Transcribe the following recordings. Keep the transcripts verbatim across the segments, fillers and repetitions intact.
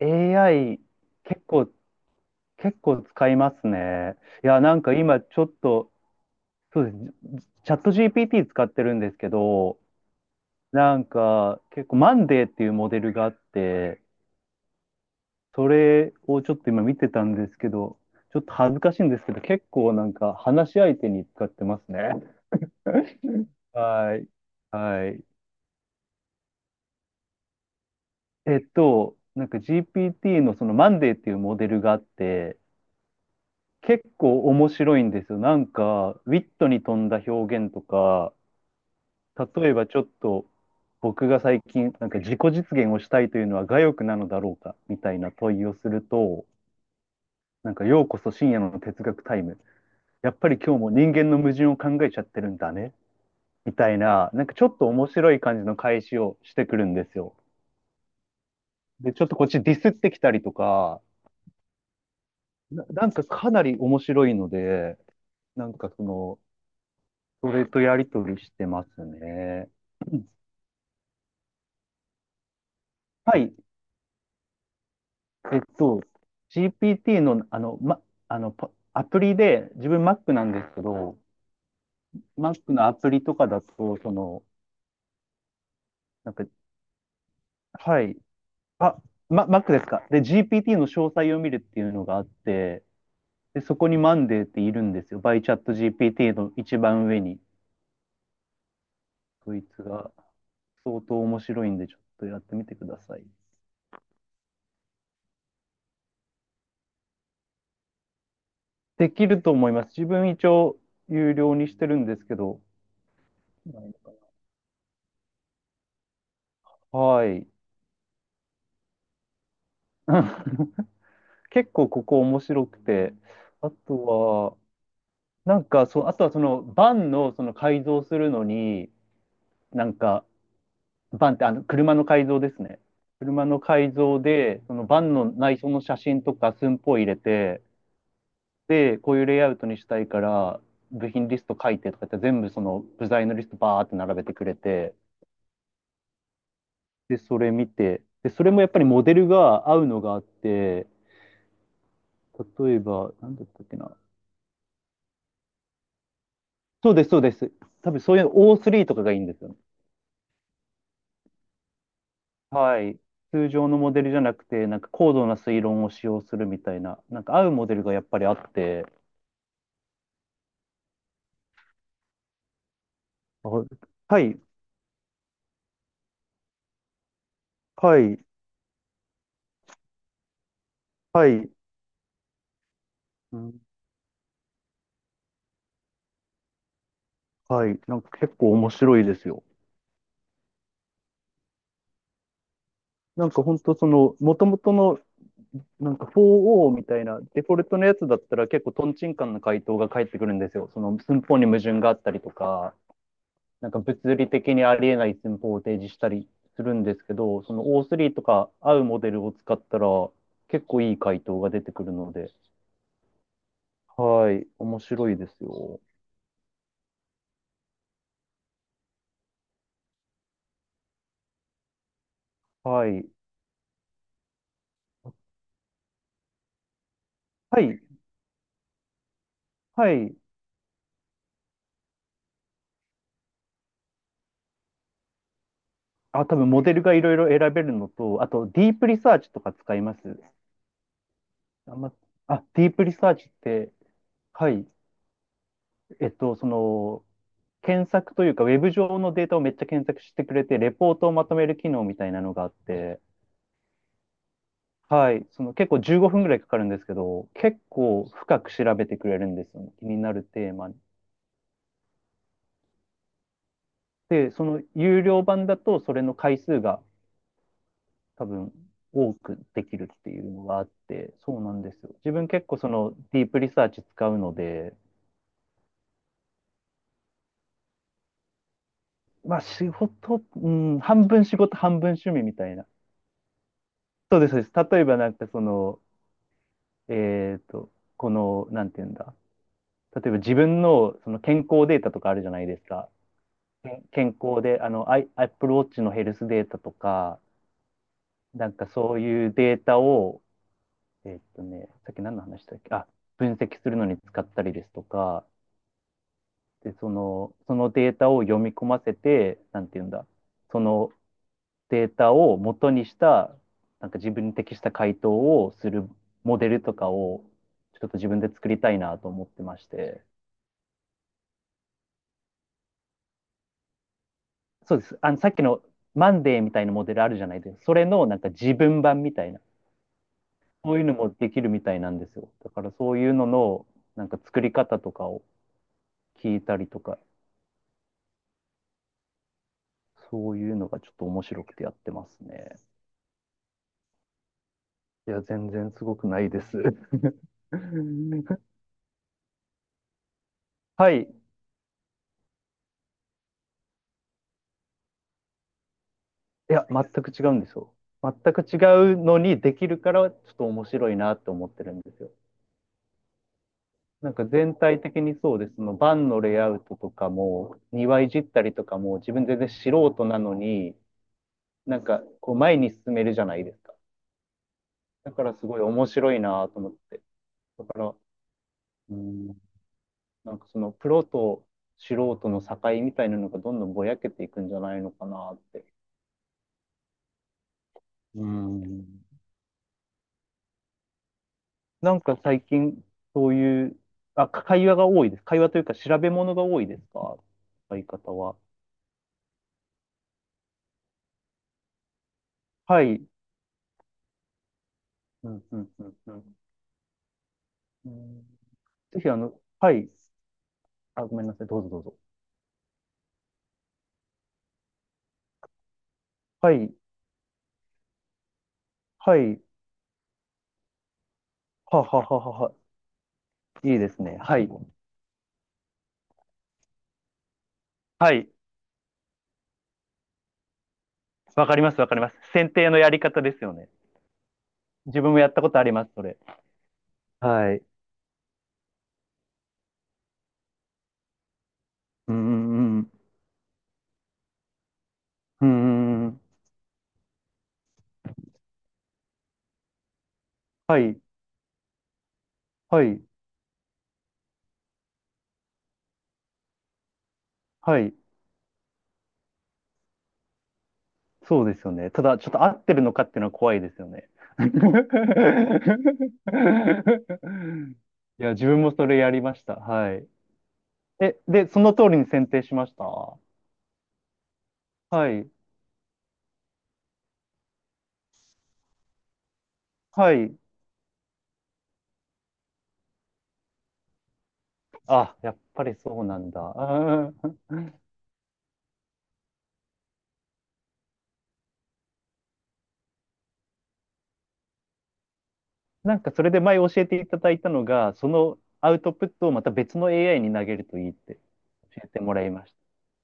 エーアイ 結構、結構使いますね。いや、なんか今ちょっと、そうです。チャット ジーピーティー 使ってるんですけど、なんか結構マンデーっていうモデルがあって、それをちょっと今見てたんですけど、ちょっと恥ずかしいんですけど、結構なんか話し相手に使ってますね。はい。はい。えっと、なんか ジーピーティー のそのマンデーっていうモデルがあって、結構面白いんですよ。なんか、ウィットに富んだ表現とか、例えばちょっと、僕が最近、なんか自己実現をしたいというのは我欲なのだろうか、みたいな問いをすると、なんか、ようこそ深夜の哲学タイム。やっぱり今日も人間の矛盾を考えちゃってるんだね、みたいな、なんかちょっと面白い感じの返しをしてくるんですよ。で、ちょっとこっちディスってきたりとか、な、なんかかなり面白いので、なんかその、それとやりとりしてますね。うん。はい。えっと、ジーピーティー の、あの、ま、あの、パアプリで、自分 Mac なんですけど、Mac のアプリとかだと、その、なんか、はい。あ、ま、Mac ですか。で、ジーピーティー の詳細を見るっていうのがあって、で、そこにマンデーっているんですよ。バイチャット ジーピーティー の一番上に。こいつが相当面白いんで、ちょっとやってみてください。できると思います。自分一応有料にしてるんですけど、はい。結構ここ面白くて、あとは、なんかそう、あとはそのバンのその改造するのに、なんか、バンってあの車の改造ですね。車の改造で、そのバンの内装の写真とか寸法入れて、で、こういうレイアウトにしたいから、部品リスト書いてとか言って全部その部材のリストバーって並べてくれて、で、それ見て、で、それもやっぱりモデルが合うのがあって、例えば、なんだったっけな。そうです、そうです。多分そういう オースリー とかがいいんですよね。はい。通常のモデルじゃなくて、なんか高度な推論を使用するみたいな、なんか合うモデルがやっぱりあって、あ、はい、はい、はい、うん、はい、なんか結構面白いですよ。なんか本当その、もともとの、なんか フォーオー みたいなデフォルトのやつだったら結構トンチンカンな回答が返ってくるんですよ。その寸法に矛盾があったりとか、なんか物理的にありえない寸法を提示したりするんですけど、その オースリー とか合うモデルを使ったら結構いい回答が出てくるので、はい、面白いですよ。はい。はい。はい。あ、多分モデルがいろいろ選べるのと、あとディープリサーチとか使います。あ、ま、あ、ディープリサーチって、はい。えっと、その、検索というか、ウェブ上のデータをめっちゃ検索してくれて、レポートをまとめる機能みたいなのがあって、はい、その結構じゅうごふんぐらいかかるんですけど、結構深く調べてくれるんですよね、気になるテーマに。で、その有料版だと、それの回数が多分多くできるっていうのがあって、そうなんですよ。自分結構そのディープリサーチ使うので、まあ仕事、うん、半分仕事、半分趣味みたいな。そうです、そうです。例えばなんかその、えっと、この、なんていうんだ。例えば自分のその健康データとかあるじゃないですか。けん健康で、あの、アイ、Apple Watch のヘルスデータとか、なんかそういうデータを、えーっとね、さっき何の話したっけあ、分析するのに使ったりですとか、で、その、その、データを読み込ませて、なんていうんだ、そのデータを元にした、なんか自分に適した回答をするモデルとかを、ちょっと自分で作りたいなと思ってまして。そうです。あの、さっきのマンデーみたいなモデルあるじゃないですか。それのなんか自分版みたいな。そういうのもできるみたいなんですよ。だからそういうのの、なんか作り方とかを聞いたりとか、そういうのがちょっと面白くてやってますね。いや、全然すごくないです。はい。いや、全く違うんですよ。全く違うのにできるから、ちょっと面白いなって思ってるんですよ。なんか全体的にそうです。そのバンのレイアウトとかも、庭いじったりとかも、自分全然素人なのに、なんかこう前に進めるじゃないですか。だからすごい面白いなと思って。だから、うん、なんかそのプロと素人の境みたいなのがどんどんぼやけていくんじゃないのかなって。うん。なんか最近、そういう、あ、か会話が多いです。会話というか調べ物が多いですか、相方は。はい。うん、うん、うん、うん。うん。ぜひ、あの、はい。あ、ごめんなさい。どうぞどうぞ。はい。はい。ははははは。いいですね。はい。はい。わかります、わかります。選定のやり方ですよね。自分もやったことあります、それ。はい。うんうんうん。うんうんうん。はい。はい。はい。そうですよね。ただ、ちょっと合ってるのかっていうのは怖いですよね。いや、自分もそれやりました。はい。え、で、その通りに選定しました。はい。はい。あ、やっぱりそうなんだ。うん。なんかそれで前教えていただいたのが、そのアウトプットをまた別の エーアイ に投げるといいって教えてもらいました。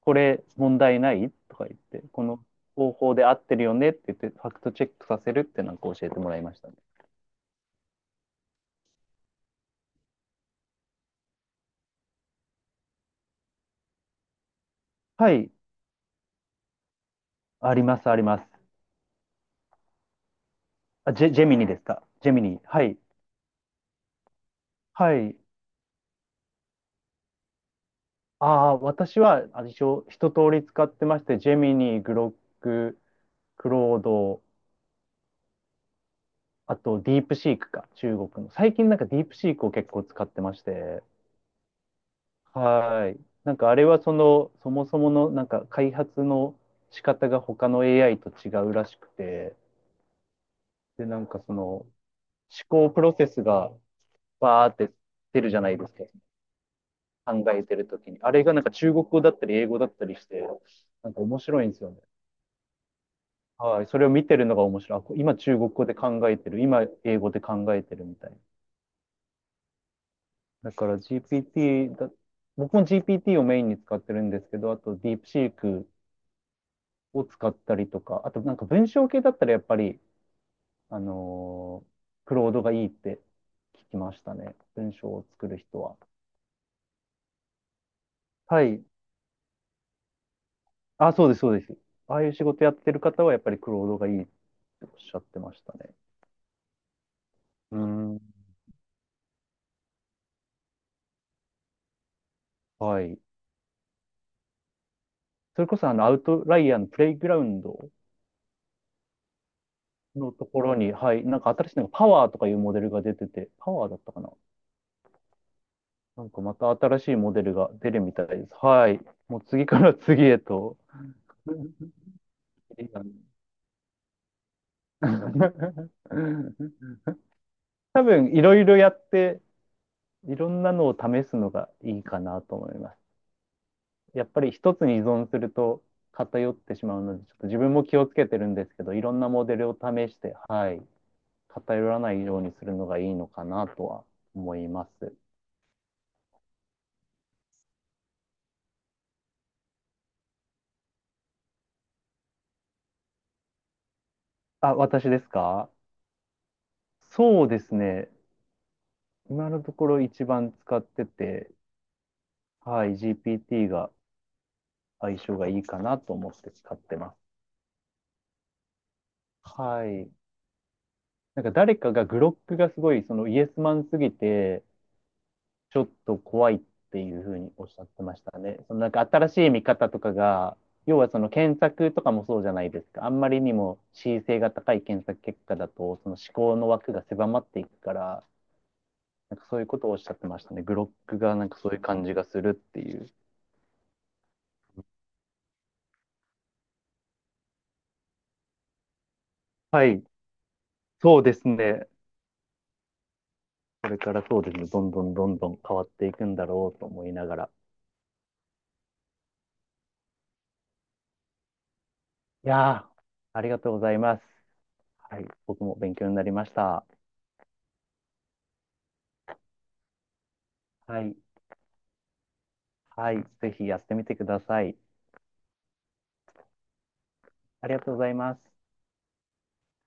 これ問題ないとか言って、この方法で合ってるよねって言って、ファクトチェックさせるってなんか教えてもらいましたね。はい、あります、あります。あ、ジェ、ジェミニですか。ジェミニ。はい、はい。ああ、私は、あ、一応、一通り使ってまして、ジェミニ、グロック、クロード、あと、ディープシークか、中国の。最近なんかディープシークを結構使ってまして、はい。なんかあれはその、そもそものなんか開発の仕方が他の エーアイ と違うらしくて、で、なんかその思考プロセスがバーって出るじゃないですか。考えてるときに。あれがなんか中国語だったり英語だったりして、なんか面白いんですよね。はい。それを見てるのが面白い。あこ今中国語で考えてる。今英語で考えてるみたいな。だから ジーピーティー だ、僕も ジーピーティー をメインに使ってるんですけど、あとディープシークを使ったりとか、あとなんか文章系だったらやっぱり、あのークロードがいいって聞きましたね。文章を作る人は。はい。あ、そうです、そうです。ああいう仕事やってる方はやっぱりクロードがいいっておっしゃってましたね。うん。はい。それこそあのアウトライアーのプレイグラウンドのところに、はい、なんか新しいのがパワーとかいうモデルが出てて、パワーだったかな。なんかまた新しいモデルが出るみたいです。はい。もう次から次へと。多分いろいろやって、いろんなのを試すのがいいかなと思います。やっぱり一つに依存すると偏ってしまうので、ちょっと自分も気をつけてるんですけど、いろんなモデルを試して、はい、偏らないようにするのがいいのかなとは思います。あ、私ですか。そうですね。今のところ一番使ってて、はい、ジーピーティー が相性がいいかなと思って使ってます。はい。なんか誰かがグロックがすごい、そのイエスマンすぎて、ちょっと怖いっていうふうにおっしゃってましたね。そのなんか新しい見方とかが、要はその検索とかもそうじゃないですか。あんまりにも恣意性が高い検索結果だと、その思考の枠が狭まっていくから、なんかそういうことをおっしゃってましたね。グロックがなんかそういう感じがするっていう。はい、そうですね。これからそうですね。どんどんどんどん変わっていくんだろうと思いながら。いやー、ありがとうございます。はい、僕も勉強になりました。はい、はい、ぜひやってみてください。ありがとうございます。